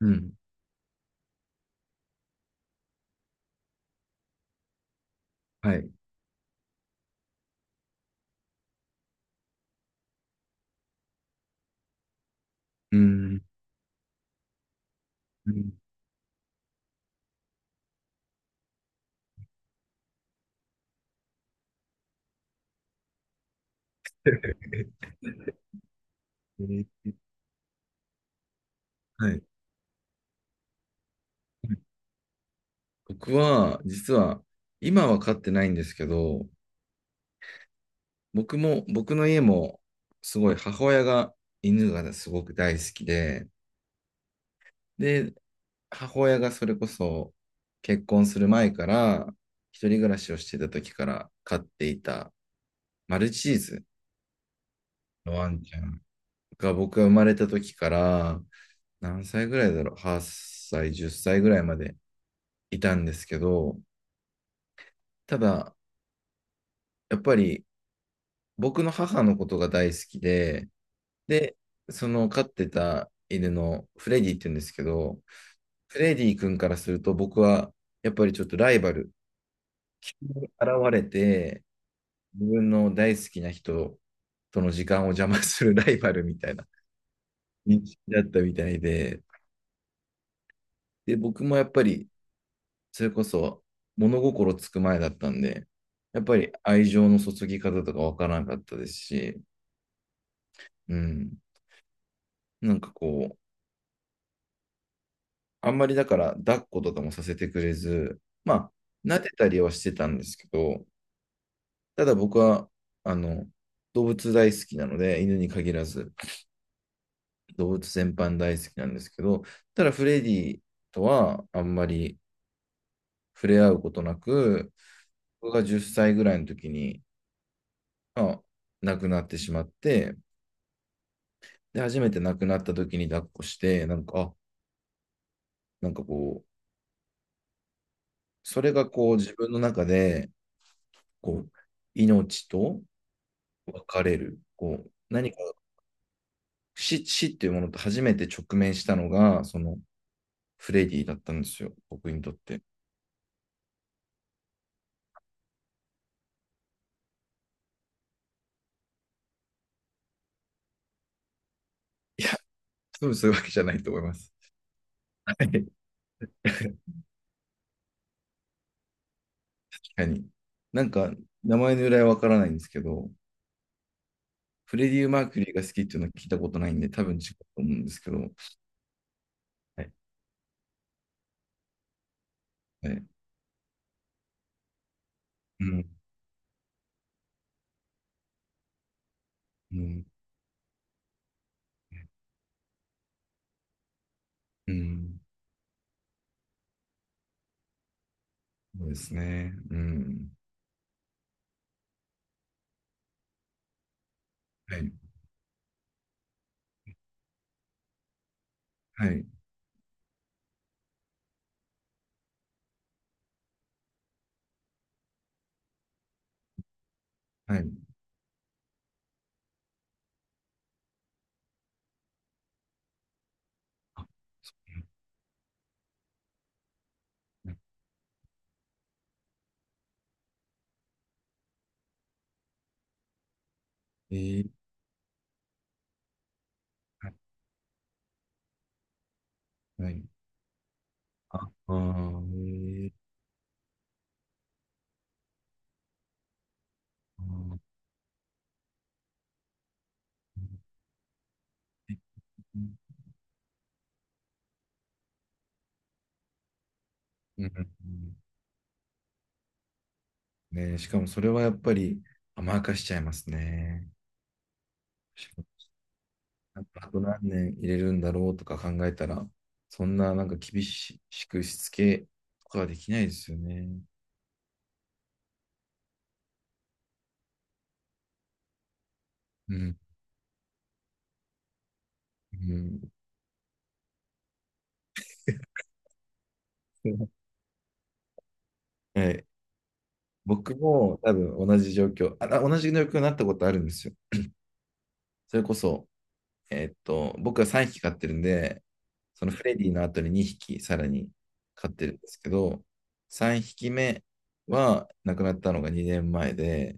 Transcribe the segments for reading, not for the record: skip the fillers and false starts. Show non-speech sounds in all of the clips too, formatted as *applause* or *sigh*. うん。はい。うん。うん。えーはい。僕は、実は、今は飼ってないんですけど、僕も、僕の家も、すごい母親が犬がねすごく大好きで、で、母親がそれこそ結婚する前から、一人暮らしをしてた時から飼っていたマルチーズのワンちゃんが僕が生まれた時から、何歳ぐらいだろう、8歳、10歳ぐらいまでいたんですけど、ただ、やっぱり僕の母のことが大好きで、で、その飼ってた犬のフレディって言うんですけど、フレディ君からすると僕はやっぱりちょっとライバルに現れて、自分の大好きな人との時間を邪魔するライバルみたいな認識だったみたいで、で、僕もやっぱりそれこそ物心つく前だったんで、やっぱり愛情の注ぎ方とかわからなかったですし、うん、なんかこう、あんまりだから抱っことかもさせてくれず、まあ、撫でたりはしてたんですけど、ただ僕は、あの、動物大好きなので、犬に限らず、動物全般大好きなんですけど、ただフレディとはあんまり触れ合うことなく、僕が10歳ぐらいの時に、まあ、亡くなってしまって、で、初めて亡くなった時に抱っこして、なんか、あ、なんかこう、それがこう自分の中で、こう、命と分かれる。こう、何か死っていうものと初めて直面したのが、そのフレディだったんですよ、僕にとって。いや、多分そういうわけじゃないと思います。はい。*laughs* 確かに。なんか、名前の由来はわからないんですけど、フレディ・マーキュリーが好きっていうのは聞いたことないんで、多分違うと思うんですけど、はい。はい。うん、うん、うん。そうですね。うん。はい、はい、はい。あ、そうなんだ。えー、はい、はい。あ、あー、えー、あー、うんうんうんね、しかもそれはやっぱり甘やかしちゃいますね。なんかあと何年入れるんだろうとか考えたら、そんななんか厳しくしつけとかはできないですよね。うん。うん。*laughs* はい。僕も多分同じ状況になったことあるんですよ。それこそ、僕は3匹飼ってるんで、そのフレディの後に2匹さらに飼ってるんですけど、3匹目は亡くなったのが2年前で、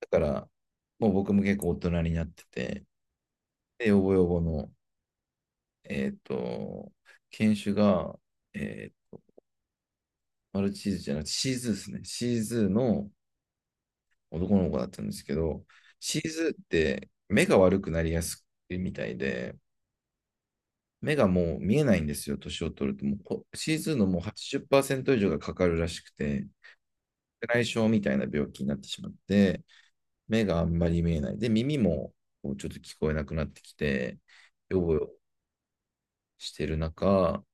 だからもう僕も結構大人になってて、で、ヨボヨボの、えーっと、犬種が、えーマルチーズじゃなくてシーズーですね。シーズーの男の子だったんですけど、シーズーって目が悪くなりやすいみたいで、目がもう見えないんですよ、年を取ると。もうこ C2 のもう80%以上がかかるらしくて、内障みたいな病気になってしまって、目があんまり見えない。で、耳もうちょっと聞こえなくなってきて、よぼしてる中、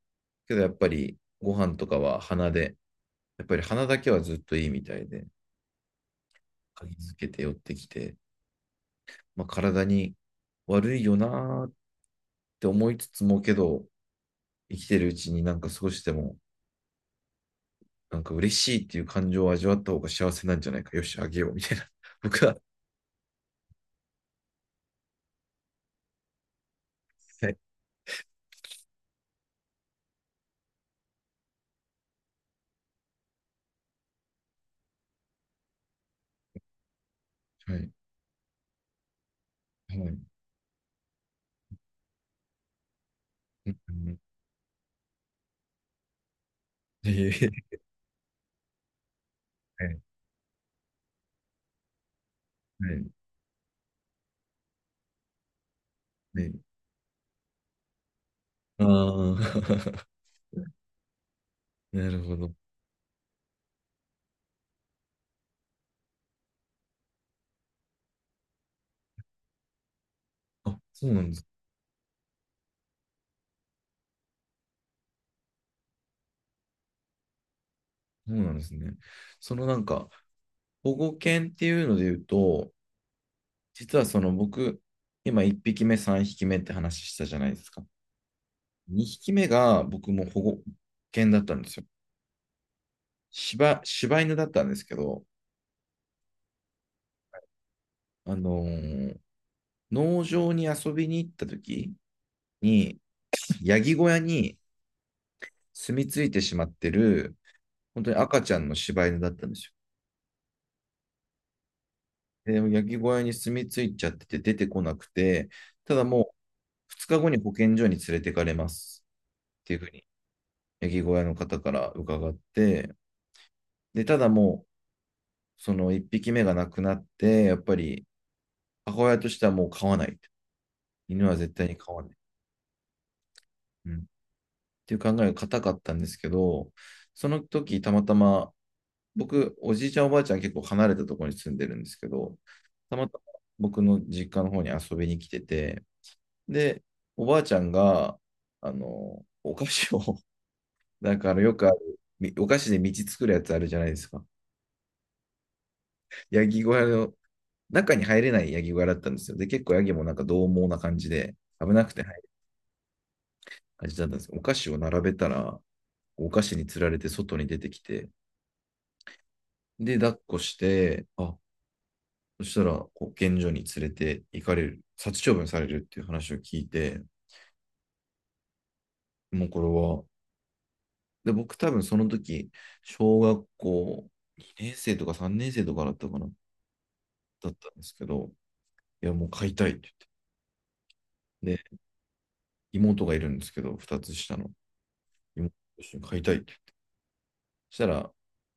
けどやっぱりご飯とかは鼻で、やっぱり鼻だけはずっといいみたいで、嗅ぎつけて寄ってきて、まあ、体に悪いよなーって思いつつもけど、生きてるうちになんか少しでもなんか嬉しいっていう感情を味わった方が幸せなんじゃないか。よし、あげよう、みたいな。*laughs* 僕は。はい。はい。はい。うん、いえいえ、はい。はい。ああー、*laughs* なるほど。あ、そうなんです。そうなんですね。そのなんか、保護犬っていうので言うと、実はその僕、今1匹目、3匹目って話したじゃないですか。2匹目が僕も保護犬だったんですよ。柴犬だったんですけど、あのー農場に遊びに行った時に、ヤギ小屋に住み着いてしまってる、本当に赤ちゃんの柴犬だったんですよ。で、ヤギ小屋に住み着いちゃってて出てこなくて、ただもう2日後に保健所に連れてかれますっていうふうに、ヤギ小屋の方から伺って、で、ただもう、その1匹目が亡くなって、やっぱり母親としてはもう飼わない。犬は絶対に飼わない。うん、っていう考えが固かったんですけど、その時たまたま僕、おじいちゃん、おばあちゃん結構離れたところに住んでるんですけど、たまたま僕の実家の方に遊びに来てて、で、おばあちゃんが、お菓子を、*laughs* だからよくある、お菓子で道作るやつあるじゃないですか。ヤギ小屋の、中に入れないヤギ小屋だったんですよ。で、結構ヤギもなんか獰猛な感じで、危なくて入る感じだったんですけど、お菓子を並べたら、お菓子に釣られて外に出てきて、で、抱っこして、あ、そしたら、保健所に連れて行かれる、殺処分されるっていう話を聞いて、もうこれはで、僕多分その時、小学校2年生とか3年生とかだったかな、だったんですけど、いや、もう買いたいって言って。で、妹がいるんですけど、2つ下の妹と一緒に買いたいって。そしたら、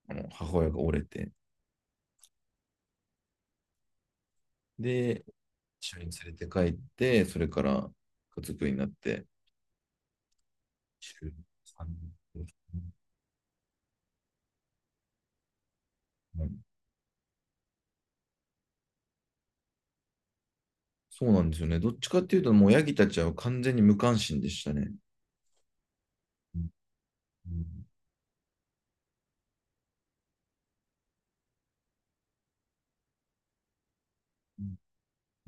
あの母親が折れて、で、一緒に連れて帰って、それから家族になって、13うさんねん、そうなんですよね。どっちかっていうと、もうヤギたちは完全に無関心でしたね。うん、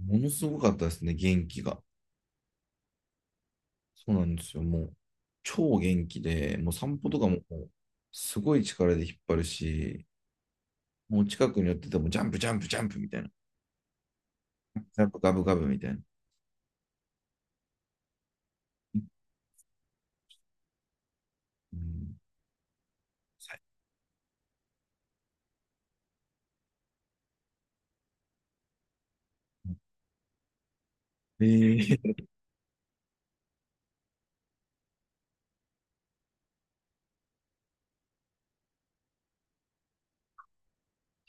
ものすごかったですね、元気が。そうなんですよ。もう、超元気で、もう散歩とかも、もうすごい力で引っ張るし、もう近くに寄ってても、ジャンプ、ジャンプ、ジャンプみたいな。*laughs* ジャンプ、ガブガブみたいな。うん。えー、*laughs*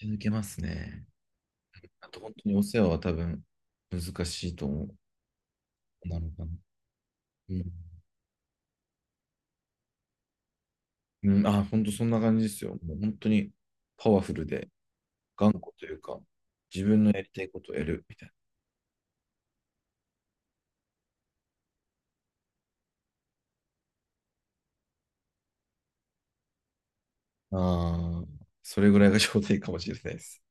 続けますね。あと、本当にお世話は多分、難しいと思う。なのかな。うん。うん、あ、本当そんな感じですよ。もう本当に、パワフルで、頑固というか、自分のやりたいことをやるみたいな。ああ、それぐらいが *laughs* ちょうどいいかもしれないです。